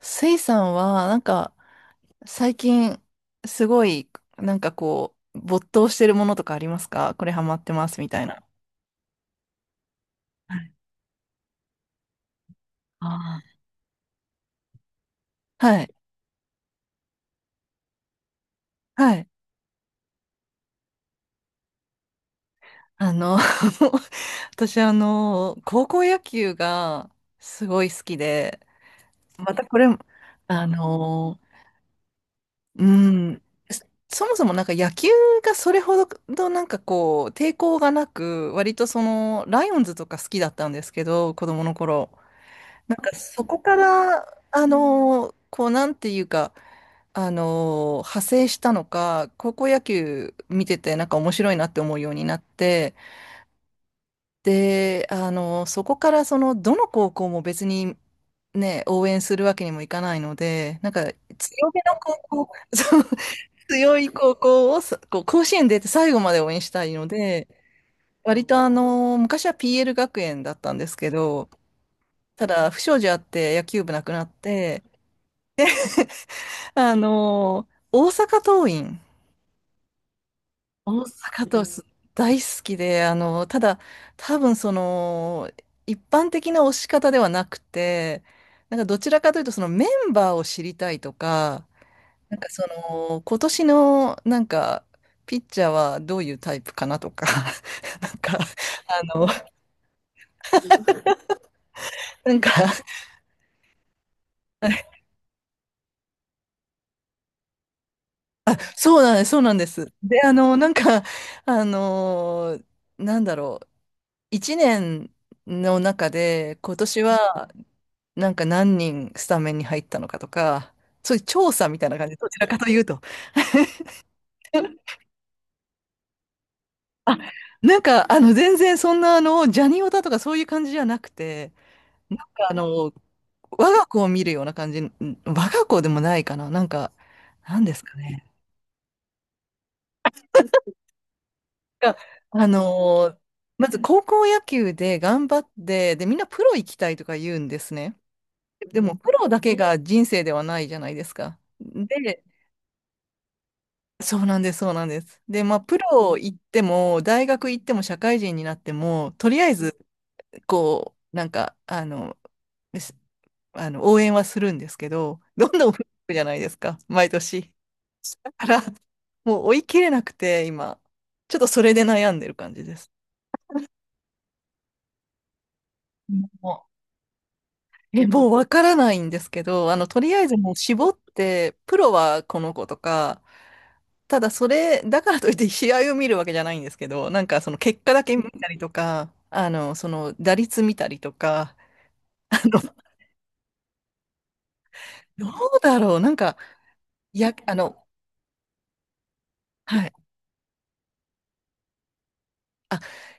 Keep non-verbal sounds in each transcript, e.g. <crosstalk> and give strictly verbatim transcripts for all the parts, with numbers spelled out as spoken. スイさんは、なんか、最近、すごい、なんかこう、没頭してるものとかありますか？これハマってますみたいな。ああ、はい。はい。あの、<laughs> 私、あの、高校野球がすごい好きで、またこれ、あの、うん、そそもそもなんか野球がそれほどなんかこう、抵抗がなく、割とその、ライオンズとか好きだったんですけど、子供の頃。なんかそこから、あのーこうなんていうか、あのー派生したのか、高校野球見ててなんか面白いなって思うようになって、で、あのーそこからその、どの高校も別にね、応援するわけにもいかないので、なんか強めの高校、<laughs> そう強い高校をさこう甲子園出て最後まで応援したいので、割とあの、昔は ピーエル 学園だったんですけど、ただ不祥事あって野球部なくなって、あの、大阪桐蔭。大阪阪桐蔭大好きで、あの、ただ、多分その、一般的な推し方ではなくて、なんかどちらかというと、そのメンバーを知りたいとか、なんかその、今年の、なんか、ピッチャーはどういうタイプかなとか、<laughs> なんか、あの、<laughs> なんか、そうなんです、そうなんです。で、あの、なんか、あの、なんだろう。一年の中で今年はなんか何人スタメンに入ったのかとか、そういう調査みたいな感じ、どちらかというと。<laughs> あ、なんかあの全然そんなあのジャニオタとかそういう感じじゃなくて、なんかあの我が子を見るような感じ、ん我が子でもないかな、なんか、なんですかね。があのーまず高校野球で頑張って、で、みんなプロ行きたいとか言うんですね。でもプロだけが人生ではないじゃないですか。で、そうなんです、そうなんです。で、まあ、プロ行っても、大学行っても、社会人になっても、とりあえず、こう、なんか、あの、すあの応援はするんですけど、どんどん増えていくじゃないですか、毎年。だから、もう追い切れなくて、今、ちょっとそれで悩んでる感じです。え、もうわからないんですけど、あの、とりあえずもう絞って、プロはこの子とか、ただそれ、だからといって試合を見るわけじゃないんですけど、なんかその結果だけ見たりとか、あの、その打率見たりとか、あの、どうだろう、なんか、いや、あの、はい、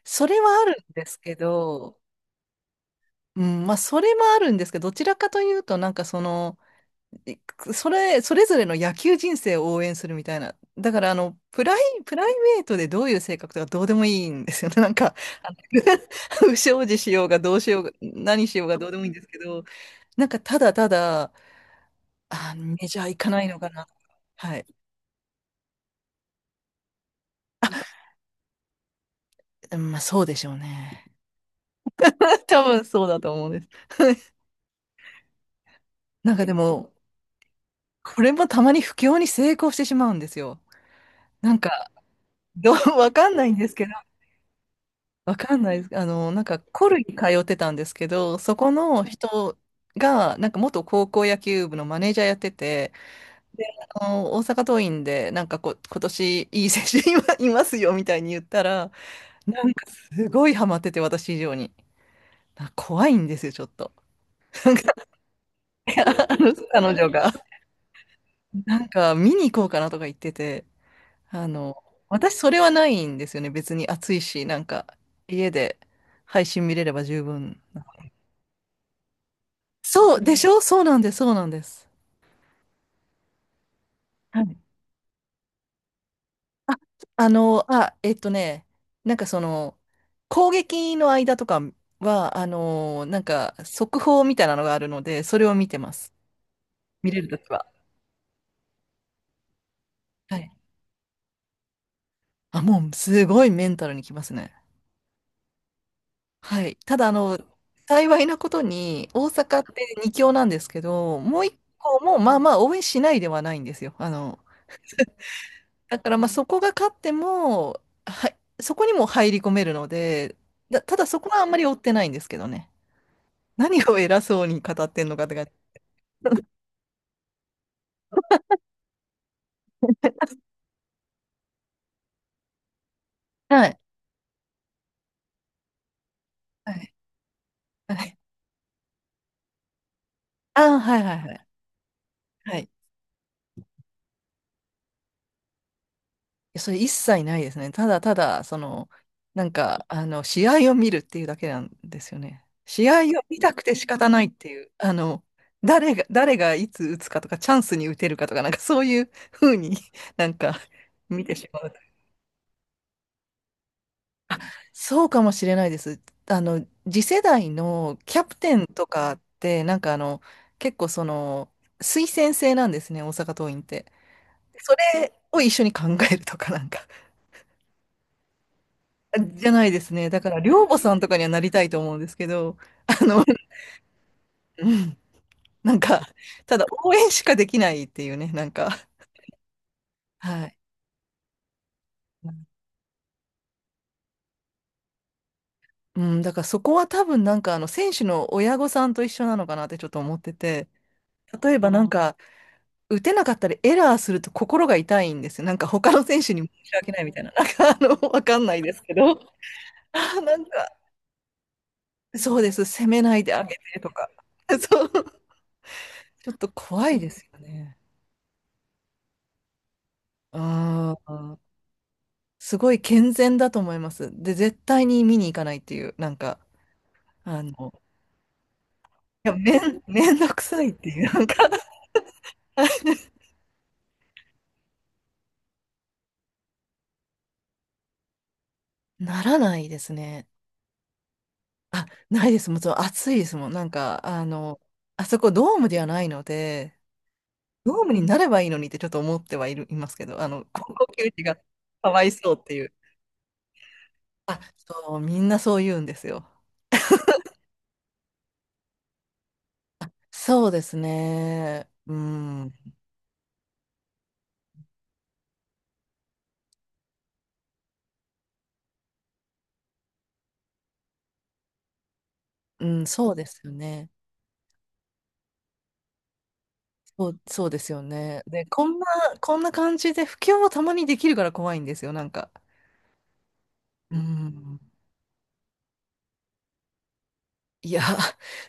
それはあるんですけど、うん、まあ、それもあるんですけど、どちらかというと、なんかその、いそれ、それぞれの野球人生を応援するみたいな。だから、あの、プライ、プライベートでどういう性格とかどうでもいいんですよね。なんか、あの <laughs> 不祥事しようがどうしようが、何しようがどうでもいいんですけど、なんかただただ、あ、メジャー行かないのかな。はい。まあそうでしょうね。<laughs> 多分そうだと思うんです。なんかでも、これもたまに不況に成功してしまうんですよ。なんか、どう、<laughs> わかんないんですけど、わかんないです。あの、なんかコルに通ってたんですけど、そこの人が、なんか元高校野球部のマネージャーやってて、あの、大阪桐蔭で、なんかこ、今年いい選手いまいますよみたいに言ったら、なんかすごいハマってて、私以上に。な怖いんですよ、ちょっと。<laughs> あの彼女が。なんか見に行こうかなとか言ってて、あの、私それはないんですよね。別に暑いし、なんか家で配信見れれば十分。そうでしょ、そうなんです、そうなんです。はい。あ、あの、あ、えっとね、なんかその、攻撃の間とかは、あの、なんか速報みたいなのがあるので、それを見てます。見れるときは。はい。あ、もうすごいメンタルにきますね。はい。ただ、あの、幸いなことに、大阪ってに強なんですけど、もういっこも、まあまあ、応援しないではないんですよ。あの、だから、まあ、そこが勝っても、はい、そこにも入り込めるので、だ、ただそこはあんまり追ってないんですけどね。何を偉そうに語ってんのかって感じ。<laughs> はい。はい。はい。ああ、はいはいはい。はい。やそれ一切ないですね。ただただ、その、なんか、あの、試合を見るっていうだけなんですよね。試合を見たくて仕方ないっていう、あの、誰が、誰がいつ打つかとか、チャンスに打てるかとか、なんかそういう風に <laughs> なんか見てしまう。そうかもしれないです。あの、次世代のキャプテンとかって、なんかあの、結構その、推薦制なんですね、大阪桐蔭って。それを一緒に考えるとか、なんか。じゃないですね。だから、寮母さんとかにはなりたいと思うんですけど、あの、うん、なんか、ただ応援しかできないっていうね、なんか、はい。うん、だからそこは多分なんか、あの、選手の親御さんと一緒なのかなってちょっと思ってて、例えばなんか、打てなかったりエラーすると心が痛いんですよ。なんか他の選手に申し訳ないみたいな、なんか、あの、わかんないですけど、あなんか、そうです、攻めないであげてとか、そう、ちょっと怖いですよね。ああ。すごい健全だと思います。で、絶対に見に行かないっていう、なんか、あの、いや、めん、<laughs> めんどくさいっていう、なんか、ならないですね。あ、ないです。もちろん暑いですもん。なんか、あの、あそこドームではないので、ドームになればいいのにってちょっと思ってはいる、いますけど、あの、高校球児がかわいそうっていう。あ、そう、みんなそう言うんですよ。そうですね。うん、うん、そうですよね。そう、そうですよね。で、こんな、こんな感じで、不況をたまにできるから怖いんですよ、なんか。うん。いや、<laughs>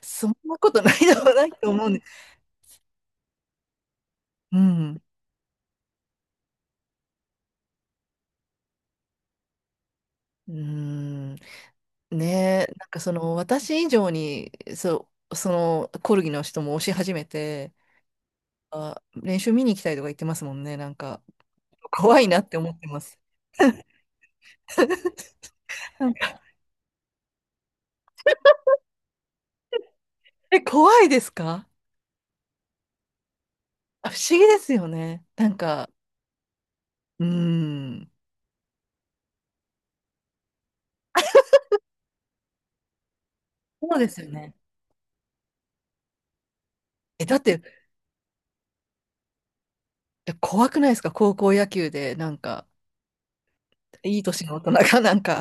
そんなことないでもないと思うんです。うん。うん。ねえ、なんかその、私以上に、そう、その、コルギの人も押し始めて、あ、練習見に行きたいとか言ってますもんね、なんか。<laughs> 怖いなって思ってます。<laughs> なんか、え、怖いですか？あ、不思議ですよね。なんか、うん。そうですよね。え、だって、で怖くないですか？高校野球で、なんか、いい年の大人がなんか、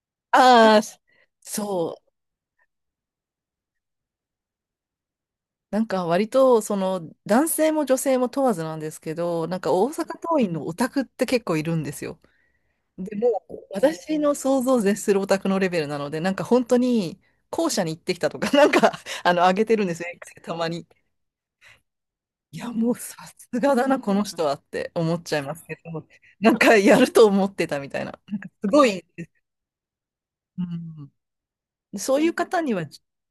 <laughs> ああ、<laughs> そう、なんか割と、その、男性も女性も問わずなんですけど、なんか大阪桐蔭のオタクって結構いるんですよ。でも、私の想像を絶するオタクのレベルなので、なんか本当に、校舎に行ってきたとか、<laughs> なんか、あの、上げてるんですよ、X でたまに。いや、もうさすがだな、この人はって思っちゃいますけど、なんかやると思ってたみたいな。なんかすごい、うん、そういう方には、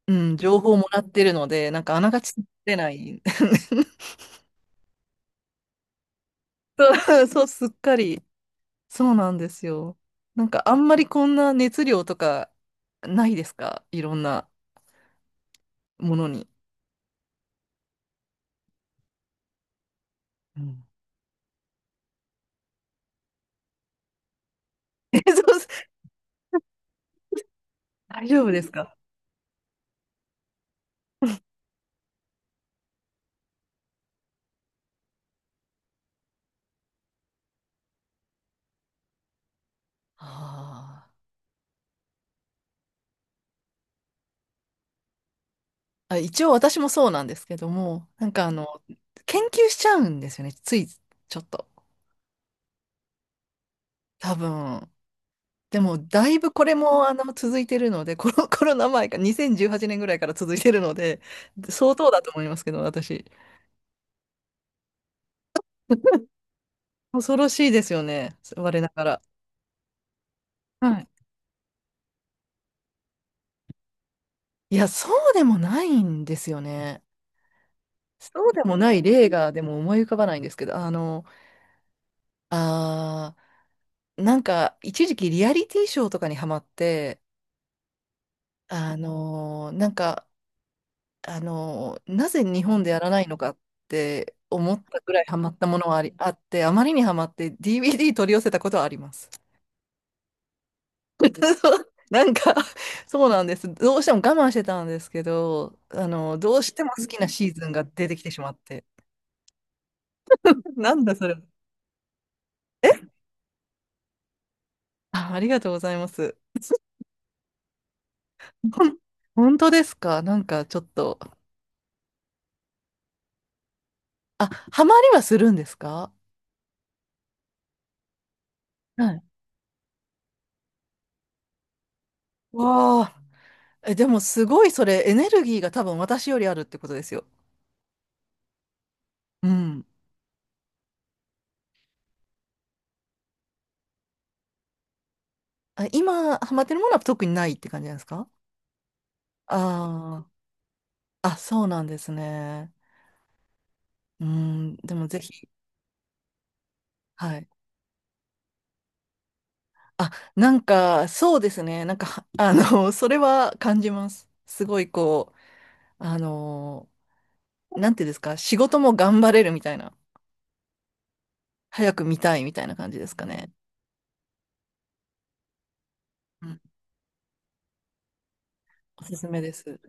うん、情報をもらってるので、なんかあながち出ない。<laughs> そう、そうすっかり。そうなんですよ。なんかあんまりこんな熱量とかないですか？いろんなものに。うん。 <laughs> え、そう、大丈夫ですか？あー、あ、一応私もそうなんですけども、なんかあの、研究しちゃうんですよね。ついちょっと。多分。でも、だいぶこれもあの続いてるので、<laughs> コロ、コロナ前か、にせんじゅうはちねんぐらいから続いてるので、相当だと思いますけど、私。<laughs> 恐ろしいですよね、我ながら。はい。いや、そうでもないんですよね。そうでもない例が、でも思い浮かばないんですけど、あの、あー、なんか、一時期リアリティショーとかにハマって、あのーなんか、あの、なぜ日本でやらないのかって思ったぐらいハマったものはあり、あって、あまりにハマって ディーブイディー 取り寄せたことはあります。<laughs> そうなんか、そうなんです。どうしても我慢してたんですけど、あの、どうしても好きなシーズンが出てきてしまって。なんだそれ。あ、ありがとうございます。ほん本当ですか？なんかちょっと。あ、ハマりはするんですか？はい。わあ。え、でもすごいそれエネルギーが多分私よりあるってことですよ。うん。あ、今、ハマってるものは特にないって感じなんですか？ああー、あ、そうなんですね。うん、でもぜひ、はい。あ、なんか、そうですね。なんか、<laughs> はあの、<laughs> それは感じます。すごい、こう、あの、なんていうんですか、仕事も頑張れるみたいな、早く見たいみたいな感じですかね。うん、おすすめです。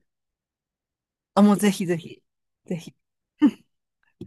あ、もうぜひぜひ、ぜひ。<laughs>